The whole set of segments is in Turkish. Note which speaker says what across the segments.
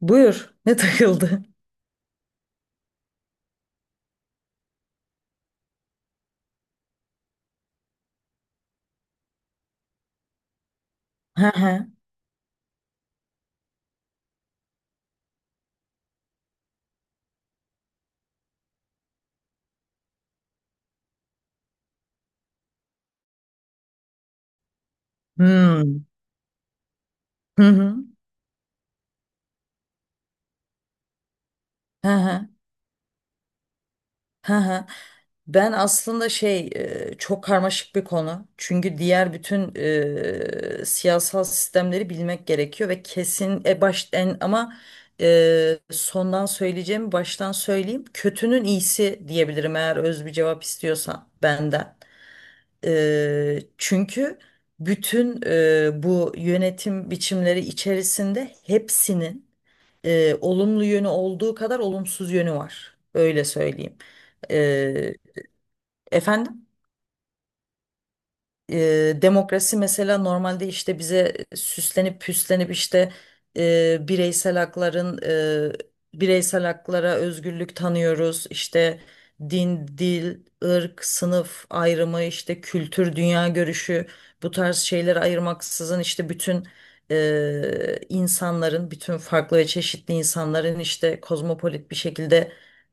Speaker 1: Buyur. Ne takıldı? Hı hı. Hmm. Hı hı. Hı hı. Hı hı. Ben aslında şey çok karmaşık bir konu. Çünkü diğer bütün siyasal sistemleri bilmek gerekiyor ve kesin e, baş en ama sondan söyleyeceğimi baştan söyleyeyim. Kötünün iyisi diyebilirim eğer öz bir cevap istiyorsan benden. Çünkü bütün bu yönetim biçimleri içerisinde hepsinin olumlu yönü olduğu kadar olumsuz yönü var. Öyle söyleyeyim. E, Efendim? Demokrasi mesela normalde işte bize süslenip püslenip işte e, bireysel hakların bireysel haklara özgürlük tanıyoruz. İşte din, dil, ırk, sınıf ayrımı, işte kültür, dünya görüşü bu tarz şeyleri ayırmaksızın işte bütün farklı ve çeşitli insanların işte kozmopolit bir şekilde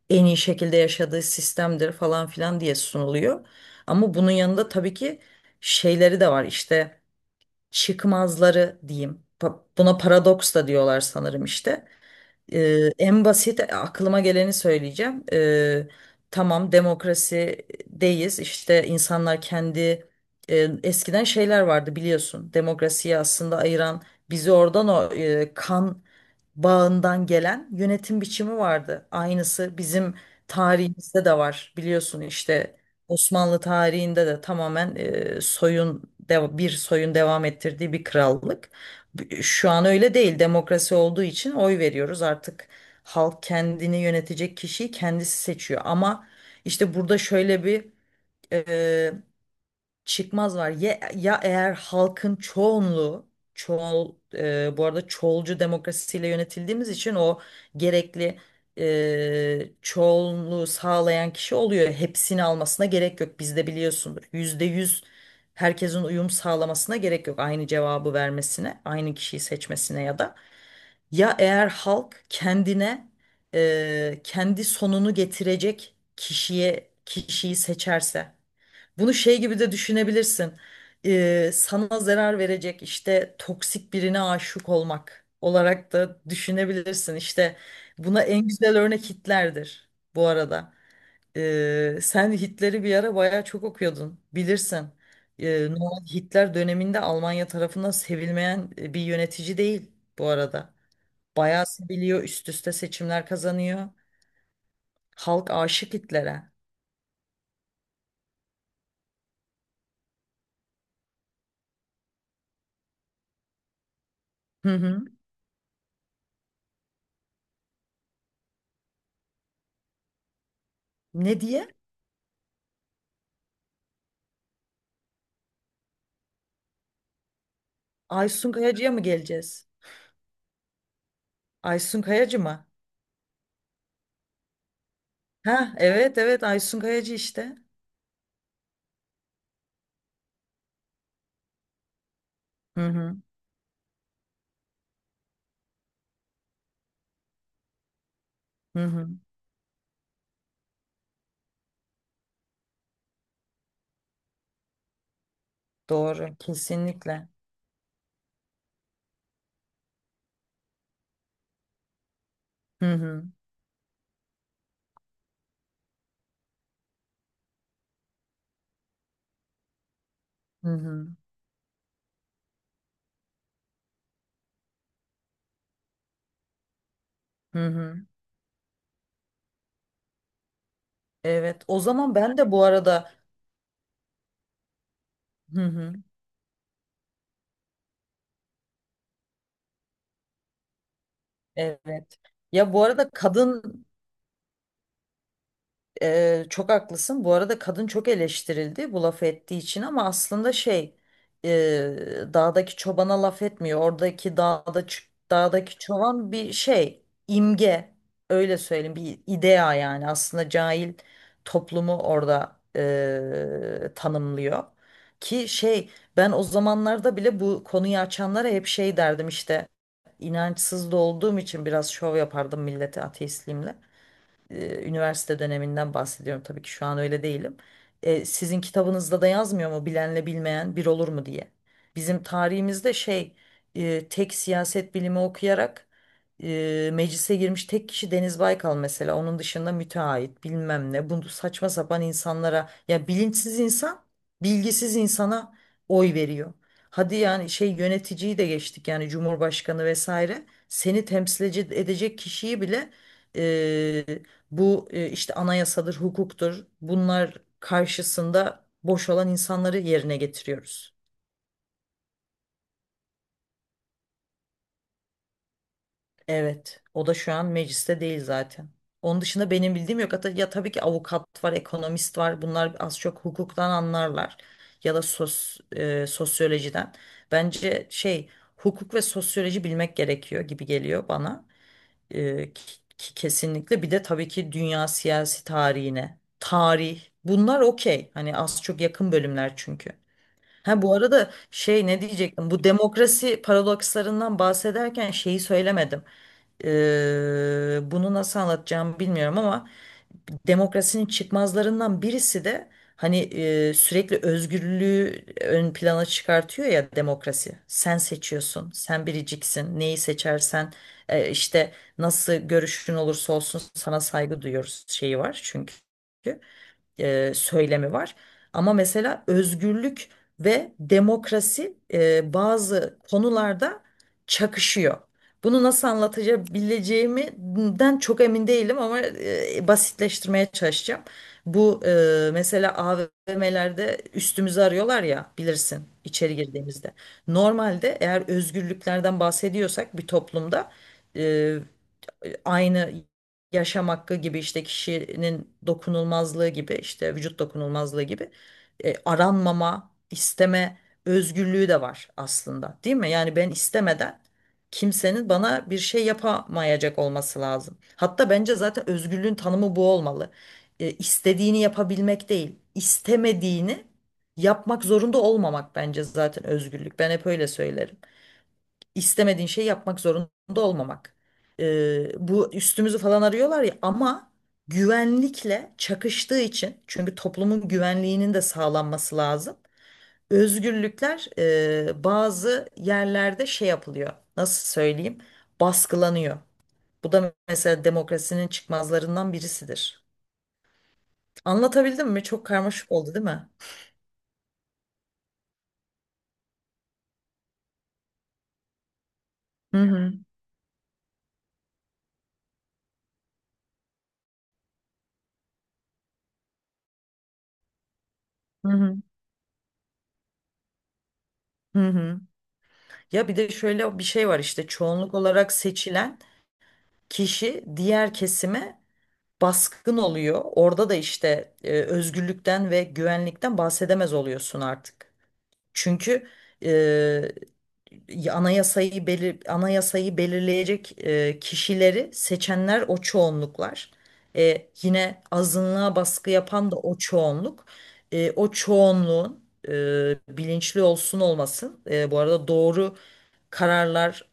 Speaker 1: en iyi şekilde yaşadığı sistemdir falan filan diye sunuluyor. Ama bunun yanında tabii ki şeyleri de var işte çıkmazları diyeyim. Buna paradoks da diyorlar sanırım işte. En basit aklıma geleni söyleyeceğim. Tamam demokrasideyiz. İşte insanlar e, eskiden şeyler vardı biliyorsun. Demokrasiyi aslında ayıran bizi oradan o kan bağından gelen yönetim biçimi vardı. Aynısı bizim tarihimizde de var biliyorsun işte Osmanlı tarihinde de tamamen bir soyun devam ettirdiği bir krallık. Şu an öyle değil. Demokrasi olduğu için oy veriyoruz. Artık halk kendini yönetecek kişiyi kendisi seçiyor. Ama işte burada şöyle bir çıkmaz var. Ya eğer halkın çoğunluğu bu arada çoğulcu demokrasiyle yönetildiğimiz için o gerekli çoğunluğu sağlayan kişi oluyor. Hepsini almasına gerek yok. Bizde biliyorsundur. %100 herkesin uyum sağlamasına gerek yok. Aynı cevabı vermesine, aynı kişiyi seçmesine ya da. Ya eğer halk kendine kendi sonunu getirecek kişiyi seçerse. Bunu şey gibi de düşünebilirsin. Sana zarar verecek işte toksik birine aşık olmak olarak da düşünebilirsin. İşte buna en güzel örnek Hitler'dir bu arada. Sen Hitler'i bir ara bayağı çok okuyordun bilirsin. Normal Hitler döneminde Almanya tarafından sevilmeyen bir yönetici değil bu arada. Bayağı seviliyor, üst üste seçimler kazanıyor. Halk aşık Hitler'e. Hı hı. Ne diye? Aysun Kayacı'ya mı geleceğiz? Aysun Kayacı mı? Ha, evet evet Aysun Kayacı işte. Hı hı. Hı hı. Doğru, kesinlikle. Hı hı. Hı hı. Hı hı. Evet. O zaman ben de bu arada hı hı. Evet. Ya bu arada kadın Çok haklısın. Bu arada kadın çok eleştirildi bu laf ettiği için ama aslında şey e, dağdaki çobana laf etmiyor. Dağdaki çoban bir şey imge öyle söyleyeyim bir idea yani aslında cahil toplumu orada tanımlıyor. Ki şey ben o zamanlarda bile bu konuyu açanlara hep şey derdim işte inançsız da olduğum için biraz şov yapardım millete ateistliğimle üniversite döneminden bahsediyorum tabii ki şu an öyle değilim. Sizin kitabınızda da yazmıyor mu bilenle bilmeyen bir olur mu diye. Bizim tarihimizde şey tek siyaset bilimi okuyarak meclise girmiş tek kişi Deniz Baykal mesela. Onun dışında müteahhit bilmem ne. Bunu saçma sapan insanlara ya bilinçsiz insan bilgisiz insana oy veriyor. Hadi yani şey yöneticiyi de geçtik yani Cumhurbaşkanı vesaire. Seni temsil edecek kişiyi bile e, bu işte anayasadır, hukuktur. Bunlar karşısında boş olan insanları yerine getiriyoruz. Evet, o da şu an mecliste değil zaten. Onun dışında benim bildiğim yok. Hatta ya tabii ki avukat var, ekonomist var. Bunlar az çok hukuktan anlarlar ya da sosyolojiden. Bence şey hukuk ve sosyoloji bilmek gerekiyor gibi geliyor bana. Kesinlikle bir de tabii ki dünya siyasi tarihine tarih bunlar okey hani az çok yakın bölümler çünkü. Ha bu arada şey ne diyecektim bu demokrasi paradokslarından bahsederken şeyi söylemedim. Bunu nasıl anlatacağımı bilmiyorum ama demokrasinin çıkmazlarından birisi de hani sürekli özgürlüğü ön plana çıkartıyor ya demokrasi. Sen seçiyorsun, sen biriciksin. Neyi seçersen işte nasıl görüşün olursa olsun sana saygı duyuyoruz şeyi var çünkü söylemi var. Ama mesela özgürlük ve demokrasi bazı konularda çakışıyor. Bunu nasıl anlatabileceğimden çok emin değilim ama basitleştirmeye çalışacağım. Bu mesela AVM'lerde üstümüzü arıyorlar ya bilirsin içeri girdiğimizde. Normalde eğer özgürlüklerden bahsediyorsak bir toplumda e, aynı yaşam hakkı gibi işte kişinin dokunulmazlığı gibi işte vücut dokunulmazlığı gibi aranmama, isteme özgürlüğü de var aslında, değil mi? Yani ben istemeden kimsenin bana bir şey yapamayacak olması lazım. Hatta bence zaten özgürlüğün tanımı bu olmalı. İstediğini yapabilmek değil, istemediğini yapmak zorunda olmamak bence zaten özgürlük. Ben hep öyle söylerim istemediğin şeyi yapmak zorunda olmamak. Bu üstümüzü falan arıyorlar ya ama güvenlikle çakıştığı için çünkü toplumun güvenliğinin de sağlanması lazım. Özgürlükler bazı yerlerde şey yapılıyor. Nasıl söyleyeyim? Baskılanıyor. Bu da mesela demokrasinin çıkmazlarından birisidir. Anlatabildim mi? Çok karmaşık oldu, değil mi? Hı hı, hı hı, hı hı. Ya bir de şöyle bir şey var işte çoğunluk olarak seçilen kişi diğer kesime baskın oluyor. Orada da işte özgürlükten ve güvenlikten bahsedemez oluyorsun artık. Çünkü e, anayasayı belirleyecek kişileri seçenler o çoğunluklar. Yine azınlığa baskı yapan da o çoğunluk. O çoğunluğun bilinçli olsun olmasın. Bu arada doğru kararlar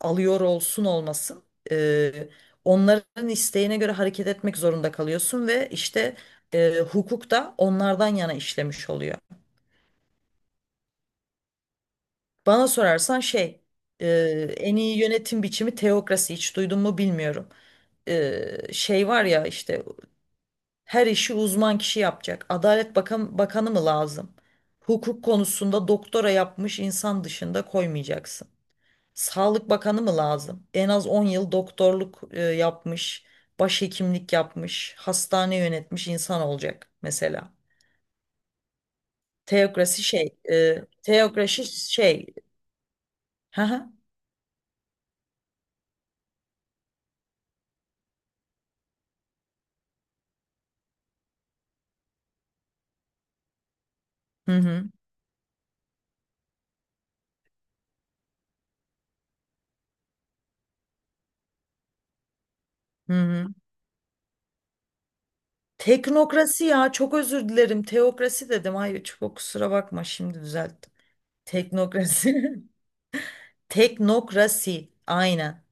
Speaker 1: alıyor olsun olmasın e, onların isteğine göre hareket etmek zorunda kalıyorsun ve işte hukuk da onlardan yana işlemiş oluyor. Bana sorarsan şey e, en iyi yönetim biçimi teokrasi hiç duydun mu bilmiyorum. Şey var ya işte her işi uzman kişi yapacak. Adalet Bakanı mı lazım? Hukuk konusunda doktora yapmış insan dışında koymayacaksın. Sağlık Bakanı mı lazım? En az 10 yıl doktorluk yapmış, başhekimlik yapmış, hastane yönetmiş insan olacak mesela. Teokrasi şey, teokrasi şey. Hı hı. Hı hı. Hı hı. Teknokrasi ya çok özür dilerim. Teokrasi dedim. Hayır çok kusura bakma şimdi düzelttim. Teknokrasi. Teknokrasi aynen.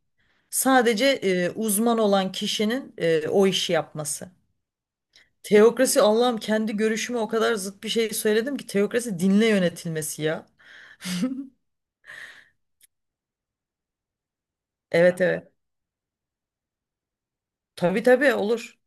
Speaker 1: Sadece uzman olan kişinin o işi yapması. Teokrasi Allah'ım kendi görüşüme o kadar zıt bir şey söyledim ki teokrasi dinle yönetilmesi ya. Evet evet. Tabii tabii olur.